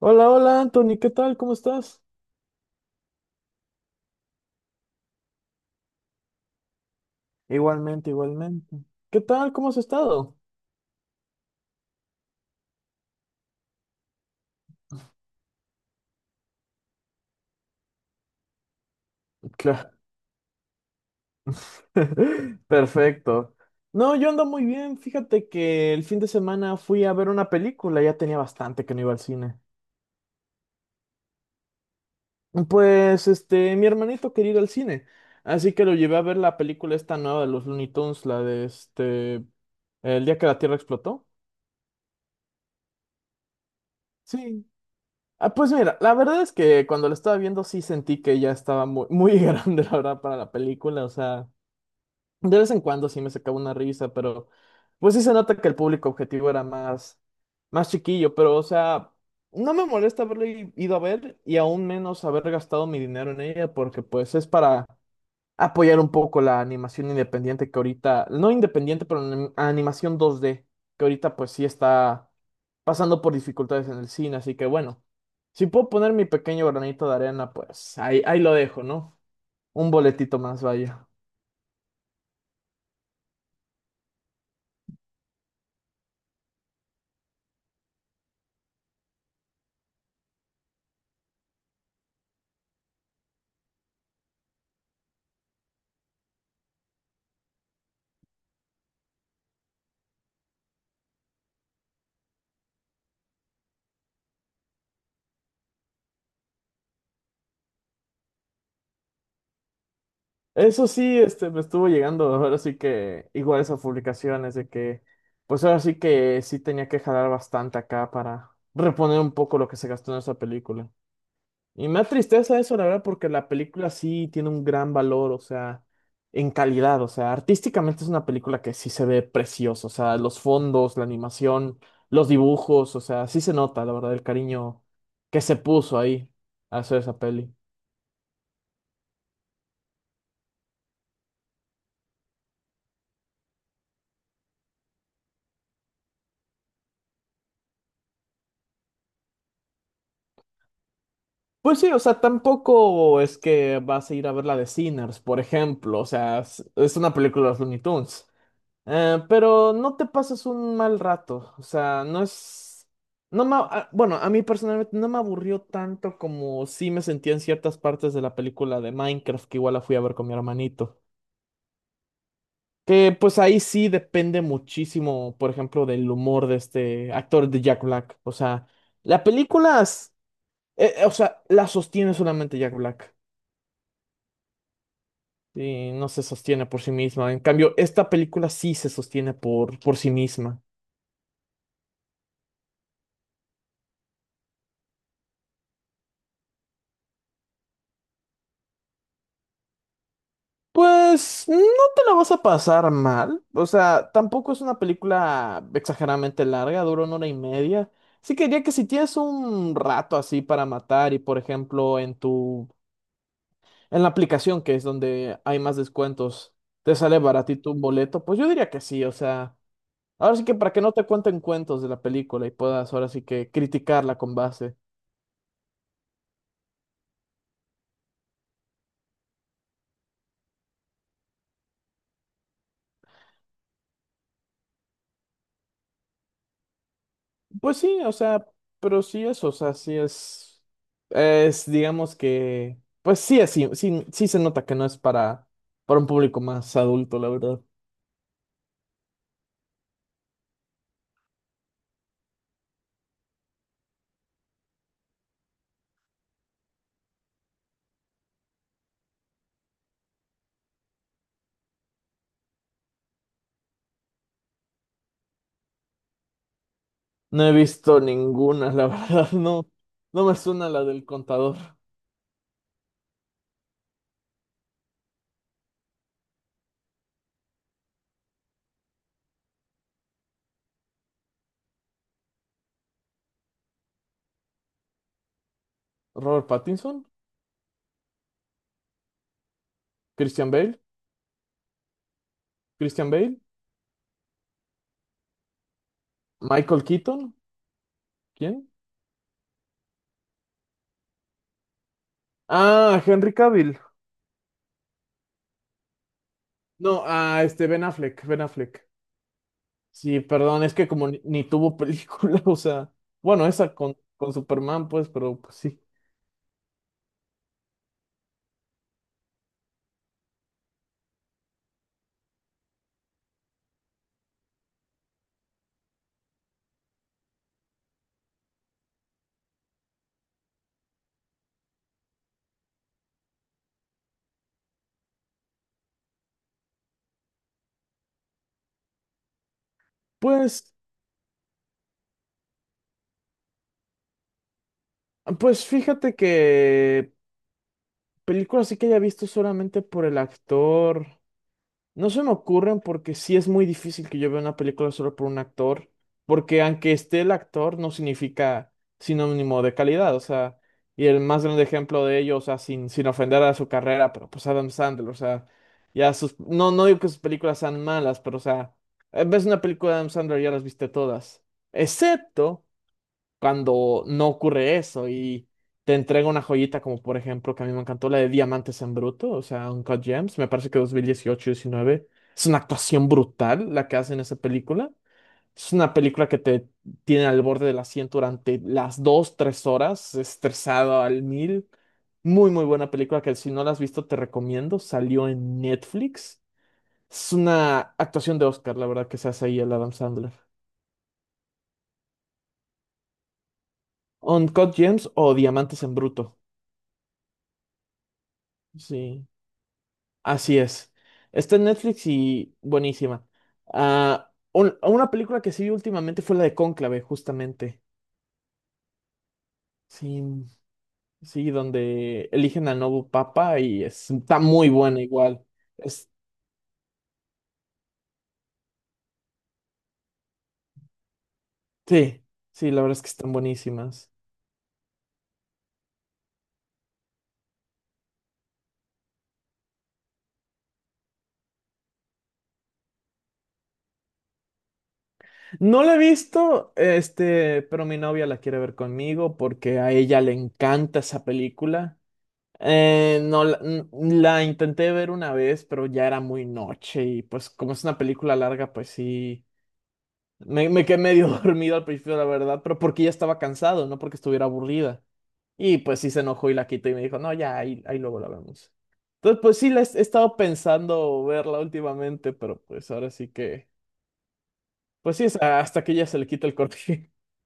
Hola, hola Anthony, ¿qué tal? ¿Cómo estás? Igualmente, igualmente. ¿Qué tal? ¿Cómo has estado? Claro. Perfecto. No, yo ando muy bien. Fíjate que el fin de semana fui a ver una película, ya tenía bastante que no iba al cine. Pues, este, mi hermanito quería ir al cine, así que lo llevé a ver la película esta nueva de los Looney Tunes, la de este, El día que la Tierra explotó. Sí. Ah, pues mira, la verdad es que cuando la estaba viendo sí sentí que ya estaba muy grande, la verdad, para la película, o sea. De vez en cuando sí me sacaba una risa, pero pues sí se nota que el público objetivo era más, más chiquillo, pero o sea, no me molesta haberle ido a ver y aún menos haber gastado mi dinero en ella, porque pues es para apoyar un poco la animación independiente que ahorita, no independiente, pero animación dos d que ahorita pues sí está pasando por dificultades en el cine, así que bueno, si puedo poner mi pequeño granito de arena, pues ahí, ahí lo dejo, ¿no? Un boletito más, vaya. Eso sí, este, me estuvo llegando, ahora sí que igual esas publicaciones de que, pues ahora sí que sí tenía que jalar bastante acá para reponer un poco lo que se gastó en esa película. Y me da tristeza eso, la verdad, porque la película sí tiene un gran valor, o sea, en calidad, o sea, artísticamente es una película que sí se ve preciosa, o sea, los fondos, la animación, los dibujos, o sea, sí se nota, la verdad, el cariño que se puso ahí a hacer esa peli. Pues sí, o sea, tampoco es que vas a ir a ver la de Sinners, por ejemplo, o sea, es una película de los Looney Tunes. Pero no te pasas un mal rato, o sea, no es, no me, bueno, a mí personalmente no me aburrió tanto como sí me sentía en ciertas partes de la película de Minecraft, que igual la fui a ver con mi hermanito, que pues ahí sí depende muchísimo, por ejemplo, del humor de este actor de Jack Black, o sea, la película, o sea, la sostiene solamente Jack Black. Y no se sostiene por sí misma. En cambio, esta película sí se sostiene por sí misma. Pues no te la vas a pasar mal. O sea, tampoco es una película exageradamente larga, dura una hora y media. Sí que diría que si tienes un rato así para matar y por ejemplo en tu en la aplicación que es donde hay más descuentos, te sale baratito un boleto, pues yo diría que sí, o sea, ahora sí que para que no te cuenten cuentos de la película y puedas ahora sí que criticarla con base. Pues sí, o sea, pero sí es, o sea, sí es, digamos que, pues sí es, sí, sí, sí se nota que no es para un público más adulto, la verdad. No he visto ninguna, la verdad, no, no me suena la del contador. Robert Pattinson, Christian Bale, Christian Bale, Michael Keaton, ¿quién? Ah, Henry Cavill. No, ah, este Ben Affleck, Ben Affleck. Sí, perdón, es que como ni, ni tuvo película, o sea, bueno, esa con Superman, pues, pero pues sí. Pues, pues fíjate que película sí que haya visto solamente por el actor. No se me ocurren porque sí es muy difícil que yo vea una película solo por un actor, porque aunque esté el actor no significa sinónimo de calidad, o sea, y el más grande ejemplo de ello, o sea, sin, sin ofender a su carrera, pero pues Adam Sandler, o sea, ya sus, no, no digo que sus películas sean malas, pero o sea, ves una película de Adam Sandler y ya las viste todas, excepto cuando no ocurre eso y te entrega una joyita como por ejemplo que a mí me encantó la de Diamantes en Bruto, o sea, Uncut Gems, me parece que 2018 2019 es una actuación brutal la que hace en esa película. Es una película que te tiene al borde del asiento durante las 2, 3 horas, estresado al mil. Muy buena película que si no la has visto te recomiendo. Salió en Netflix. Es una actuación de Oscar, la verdad, que se hace ahí el Adam Sandler. Uncut Gems o Diamantes en Bruto. Sí. Así es. Está en Netflix y buenísima. Ah, una película que sí vi últimamente fue la de Cónclave, justamente. Sí, sí, donde eligen al nuevo papa y está muy buena igual. Es- sí, sí, la verdad es que están buenísimas. No la he visto, este, pero mi novia la quiere ver conmigo porque a ella le encanta esa película. No, la, la intenté ver una vez, pero ya era muy noche y pues como es una película larga, pues sí. Me quedé medio dormido al principio, la verdad, pero porque ya estaba cansado, no porque estuviera aburrida. Y pues sí se enojó y la quitó y me dijo, no, ya, ahí, ahí luego la vemos. Entonces, pues sí, he estado pensando verla últimamente, pero pues ahora sí que, pues sí, es hasta que ya se le quita el corte.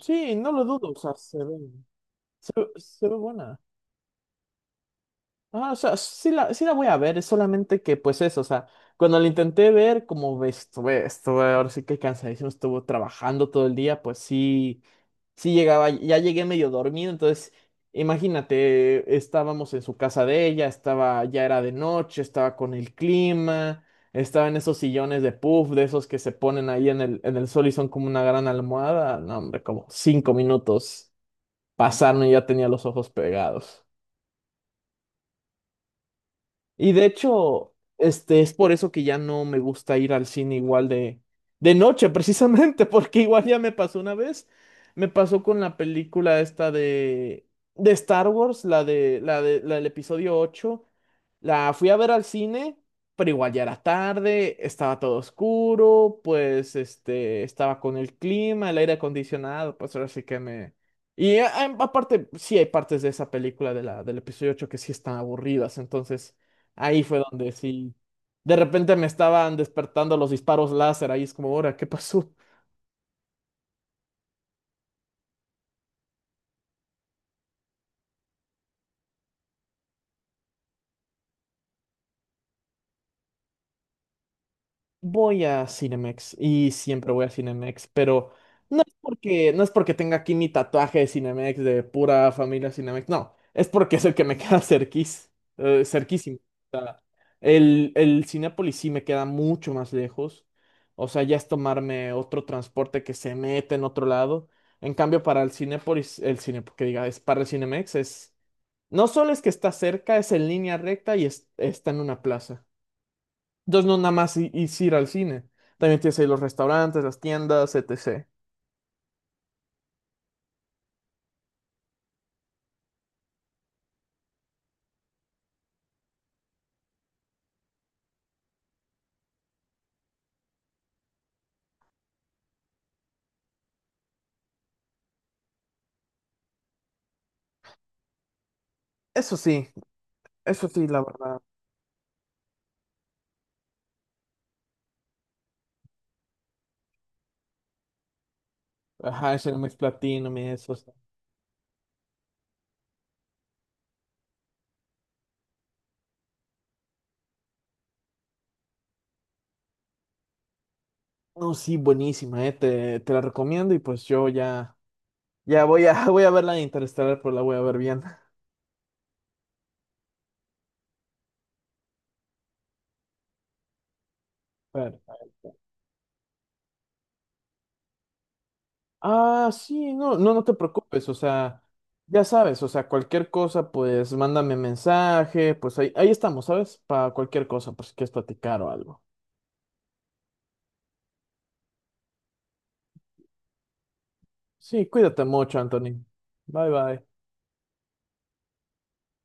Sí, no lo dudo, o sea, se ve, se ve buena. Ah, o sea, sí la, sí la voy a ver, es solamente que, pues eso, o sea, cuando la intenté ver, como ves, estuve, ahora sí que cansadísimo, estuvo trabajando todo el día, pues sí Sí llegaba, ya llegué medio dormido, entonces imagínate, estábamos en su casa de ella, estaba, ya era de noche, estaba con el clima, estaba en esos sillones de puff, de esos que se ponen ahí en el sol y son como una gran almohada. No, hombre, como 5 minutos pasaron y ya tenía los ojos pegados. Y de hecho, este, es por eso que ya no me gusta ir al cine igual de noche, precisamente, porque igual ya me pasó una vez. Me pasó con la película esta de Star Wars, la de, la de, la del episodio ocho. La fui a ver al cine, pero igual ya era tarde, estaba todo oscuro, pues este, estaba con el clima, el aire acondicionado, pues ahora sí que me... Y aparte, sí hay partes de esa película de la, del episodio 8 que sí están aburridas, entonces ahí fue donde sí. De repente me estaban despertando los disparos láser. Ahí es como, ahora, ¿qué pasó? Voy a Cinemex y siempre voy a Cinemex, pero no es porque, no es porque tenga aquí mi tatuaje de Cinemex, de pura familia Cinemex, no, es porque es el que me queda cerquís, cerquísimo. El Cinépolis sí me queda mucho más lejos. O sea, ya es tomarme otro transporte que se mete en otro lado. En cambio, para el Cinépolis, el cine, que diga, es para el Cinemex, es. No solo es que está cerca, es en línea recta y está en una plaza. Entonces, no nada más es ir al cine. También tienes ahí los restaurantes, las tiendas, etc. Eso sí, eso sí, la verdad. Ajá, el Cinemex Platinum y eso. Está- No, sí, buenísima, eh. Te la recomiendo y pues yo ya. Ya voy a, voy a ver la de Interestelar, pero la voy a ver bien. Bueno. Ah, sí, no, no, no te preocupes, o sea, ya sabes, o sea, cualquier cosa, pues mándame mensaje, pues ahí, ahí estamos, ¿sabes? Para cualquier cosa, pues si quieres platicar o algo. Sí, cuídate mucho, Anthony. Bye, bye.